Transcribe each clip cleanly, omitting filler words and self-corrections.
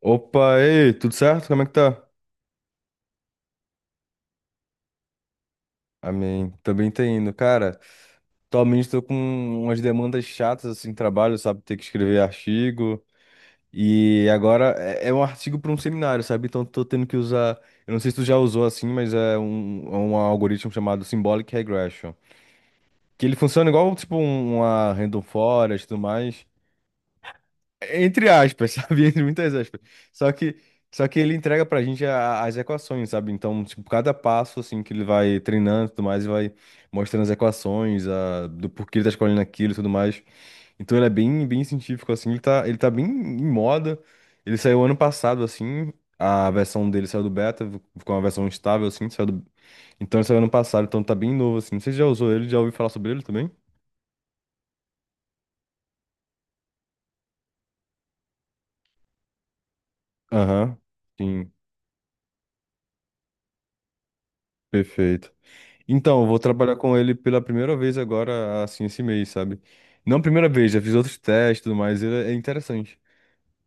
Opa, ei, tudo certo? Como é que tá? Amém. Também tá indo. Cara, atualmente tô com umas demandas chatas assim, trabalho, sabe? Ter que escrever artigo. E agora é um artigo para um seminário, sabe? Então tô tendo que usar. Eu não sei se tu já usou assim, mas é um algoritmo chamado Symbolic Regression. Que ele funciona igual, tipo, uma random forest e tudo mais. Entre aspas, sabe? Entre muitas aspas. Só que, só que ele entrega pra gente as equações, sabe? Então, tipo, cada passo, assim, que ele vai treinando e tudo mais, e vai mostrando as equações, do porquê ele tá escolhendo aquilo e tudo mais. Então, ele é bem, bem científico, assim. Ele tá bem em moda. Ele saiu ano passado, assim. A versão dele saiu do beta, ficou uma versão estável, assim. Então, ele saiu ano passado, então tá bem novo, assim. Você já usou ele? Já ouviu falar sobre ele também? Aham. Sim, perfeito. Então, eu vou trabalhar com ele pela primeira vez agora, assim, esse mês, sabe? Não primeira vez, já fiz outros testes e tudo mais, ele é interessante.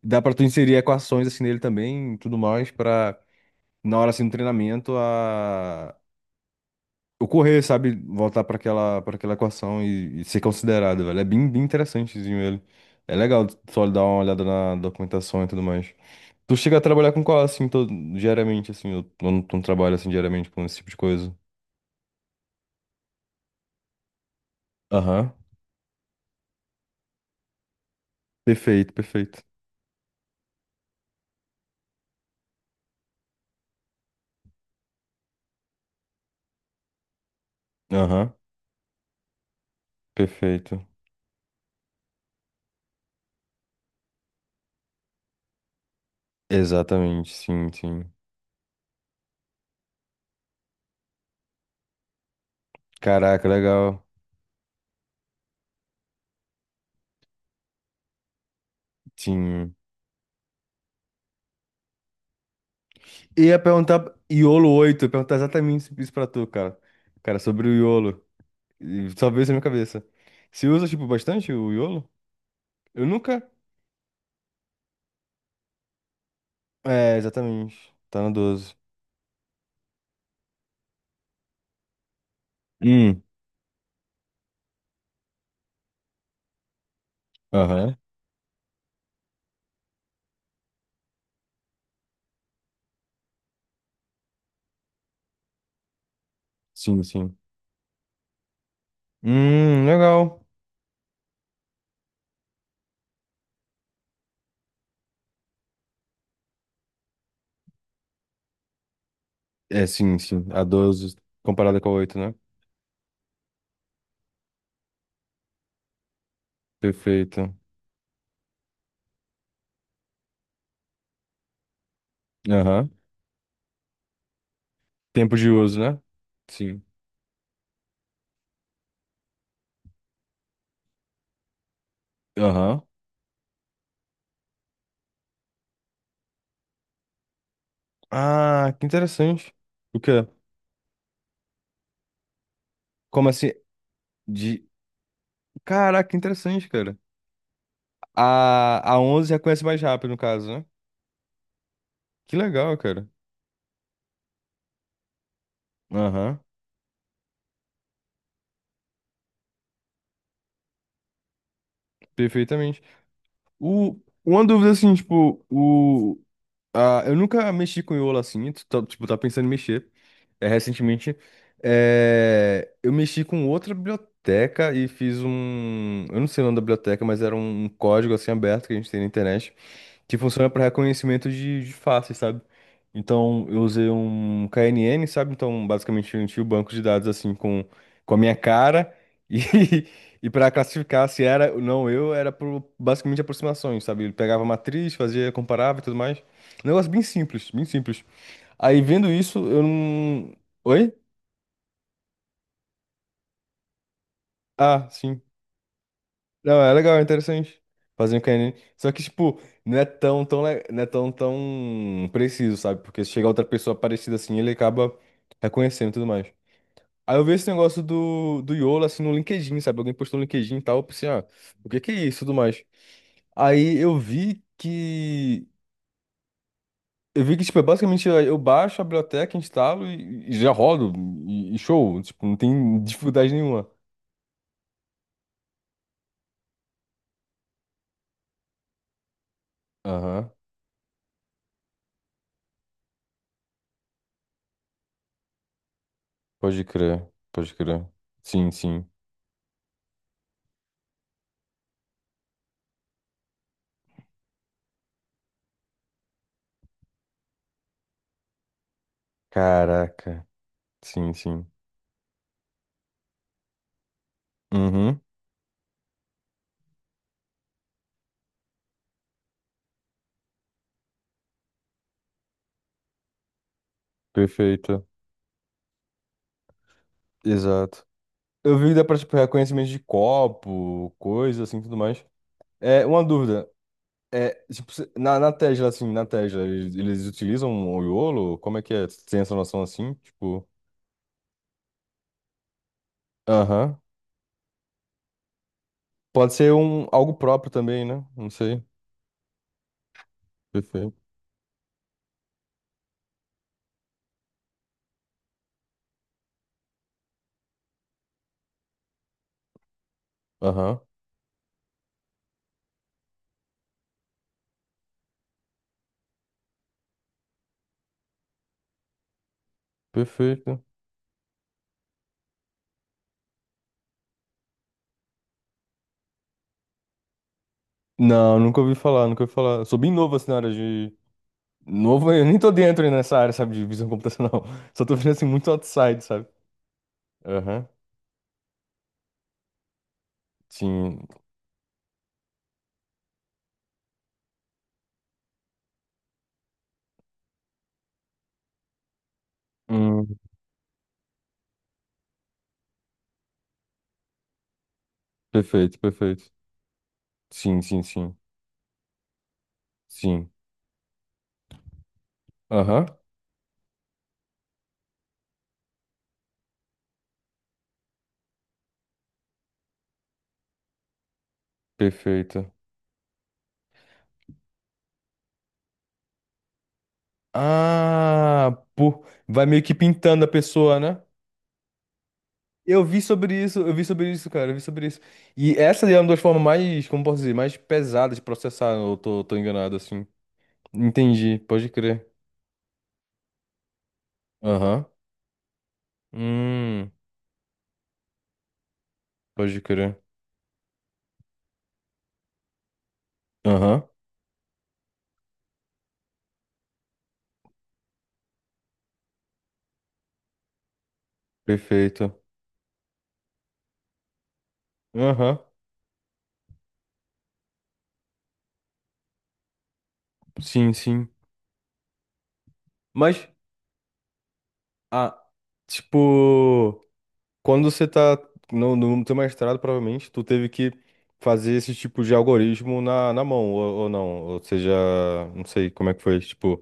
Dá pra tu inserir equações, assim, nele também, e tudo mais, pra, na hora, assim, do treinamento, ocorrer, sabe? Voltar para aquela equação e ser considerado, velho. É bem, bem interessantezinho ele. É legal só dar uma olhada na documentação e tudo mais. Tu chega a trabalhar com qual, assim, todo, diariamente, assim, eu não trabalho, assim, diariamente com esse tipo de coisa. Aham. Perfeito, perfeito. Aham. Perfeito. Exatamente, sim, sim. Caraca, legal. Sim. Ia perguntar exatamente isso pra tu, cara. Cara, sobre o iolo. E só veio isso na minha cabeça. Se usa, tipo, bastante o iolo? Eu nunca. É, exatamente. Tá no 12. Hum, aham. Sim, sim. Legal. É, sim, sim. A 12 comparada com a 8, né? Perfeito. Aham. Tempo de uso, né? Sim. Aham. Ah, que interessante. O quê? Como assim? De... Caraca, interessante, cara. A 11 reconhece mais rápido, no caso, né? Que legal, cara. Aham, perfeitamente. O... Uma dúvida assim, tipo, Ah, eu nunca mexi com Iola assim, tipo, tá pensando em mexer. É, recentemente, eu mexi com outra biblioteca e fiz um. Eu não sei o nome da biblioteca, mas era um código assim aberto que a gente tem na internet que funciona para reconhecimento de faces, sabe? Então, eu usei um KNN, sabe? Então, basicamente, eu tinha o banco de dados assim com a minha cara e, e para classificar se era ou não eu, era por basicamente aproximações, sabe? Ele pegava a matriz, fazia, comparava e tudo mais. Um negócio bem simples, bem simples. Aí vendo isso, eu não. Oi? Ah, sim. Não, é legal, é interessante. Fazer um canine. Só que, tipo, não é tão, tão, le- não é tão, tão preciso, sabe? Porque se chegar outra pessoa parecida assim, ele acaba reconhecendo e tudo mais. Aí eu vi esse negócio do YOLO, assim, no LinkedIn, sabe? Alguém postou no LinkedIn e tal. Eu pensei, ah, o que que é isso e tudo mais. Aí eu vi que. Eu vi que, tipo, é basicamente eu baixo a biblioteca, instalo e já rodo. E show. Tipo, não tem dificuldade nenhuma. Aham. Pode crer, pode crer. Sim, sim. Caraca. Sim, sim. Uhum. Perfeita. Exato. Eu vi que dá pra, tipo, reconhecimento de copo, coisa assim, tudo mais. É, uma dúvida. É, tipo, na Tesla, eles utilizam o YOLO? Como é que é? Cê tem essa noção assim? Tipo, aham. Pode ser algo próprio também, né? Não sei. Perfeito. Aham. Perfeito. Não, nunca ouvi falar, nunca ouvi falar. Sou bem novo, assim. Novo, eu nem tô dentro nessa área, sabe, de visão computacional. Só tô vendo assim muito outside, sabe? Aham. Sim. Hum, perfeito, perfeito. Sim, sim, sim. Sim. Aham. Perfeito. Ah, pô, vai meio que pintando a pessoa, né? Eu vi sobre isso, eu vi sobre isso, cara, eu vi sobre isso. E essa é uma das formas mais, como posso dizer, mais pesadas de processar, eu tô enganado, assim. Entendi, pode crer. Aham. Hum, pode crer. Aham, perfeito. Aham. Sim, sim. Mas, ah, tipo, quando você tá no teu mestrado, provavelmente, tu teve que fazer esse tipo de algoritmo na mão, ou não. Ou seja, não sei como é que foi. Tipo,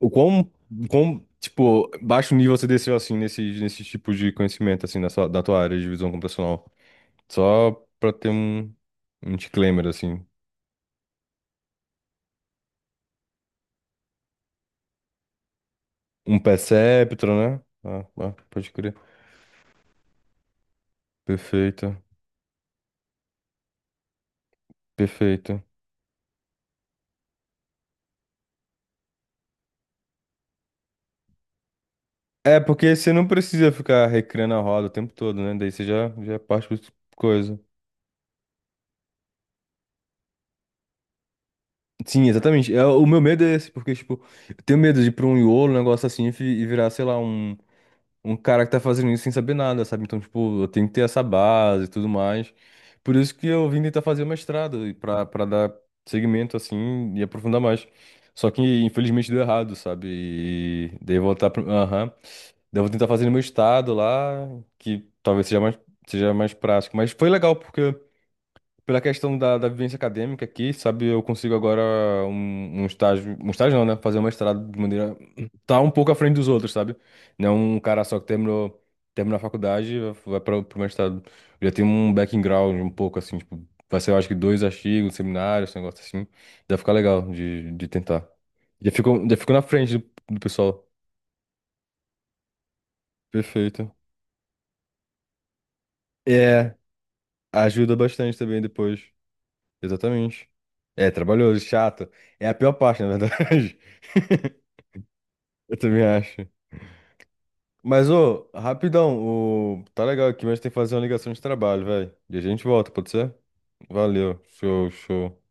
o quão, tipo, baixo nível você desceu, assim, nesse tipo de conhecimento, assim, da tua área de visão computacional. Só pra ter um disclaimer, assim. Um perceptron, né? Ah, ah, pode crer. Perfeito, perfeito. É, porque você não precisa ficar recriando a roda o tempo todo, né? Daí você já parte pra outra coisa. Sim, exatamente. É, o meu medo é esse, porque, tipo, eu tenho medo de ir pra um iolo, um negócio assim, e virar, sei lá, um cara que tá fazendo isso sem saber nada, sabe? Então, tipo, eu tenho que ter essa base e tudo mais. Por isso que eu vim tentar fazer o mestrado, e pra dar segmento, assim, e aprofundar mais. Só que, infelizmente, deu errado, sabe? Aham. Daí eu vou tentar fazer no meu estado lá, que talvez seja mais prático. Mas foi legal, porque pela questão da vivência acadêmica aqui, sabe, eu consigo agora um estágio não, né? Fazer um mestrado de maneira. Tá um pouco à frente dos outros, sabe? Não é um cara só que terminou, a faculdade e vai para o mestrado. Eu já tenho um background um pouco assim, tipo, vai ser, eu acho que dois artigos, seminários, esse negócio assim. Deve ficar legal de tentar. Já ficou na frente do pessoal. Perfeito. É, ajuda bastante também depois. Exatamente. É, trabalhoso, chato. É a pior parte, na verdade. Eu também acho. Mas, ô, rapidão, tá legal aqui, mas tem que fazer uma ligação de trabalho, velho. E a gente volta, pode ser? Valeu, show, show.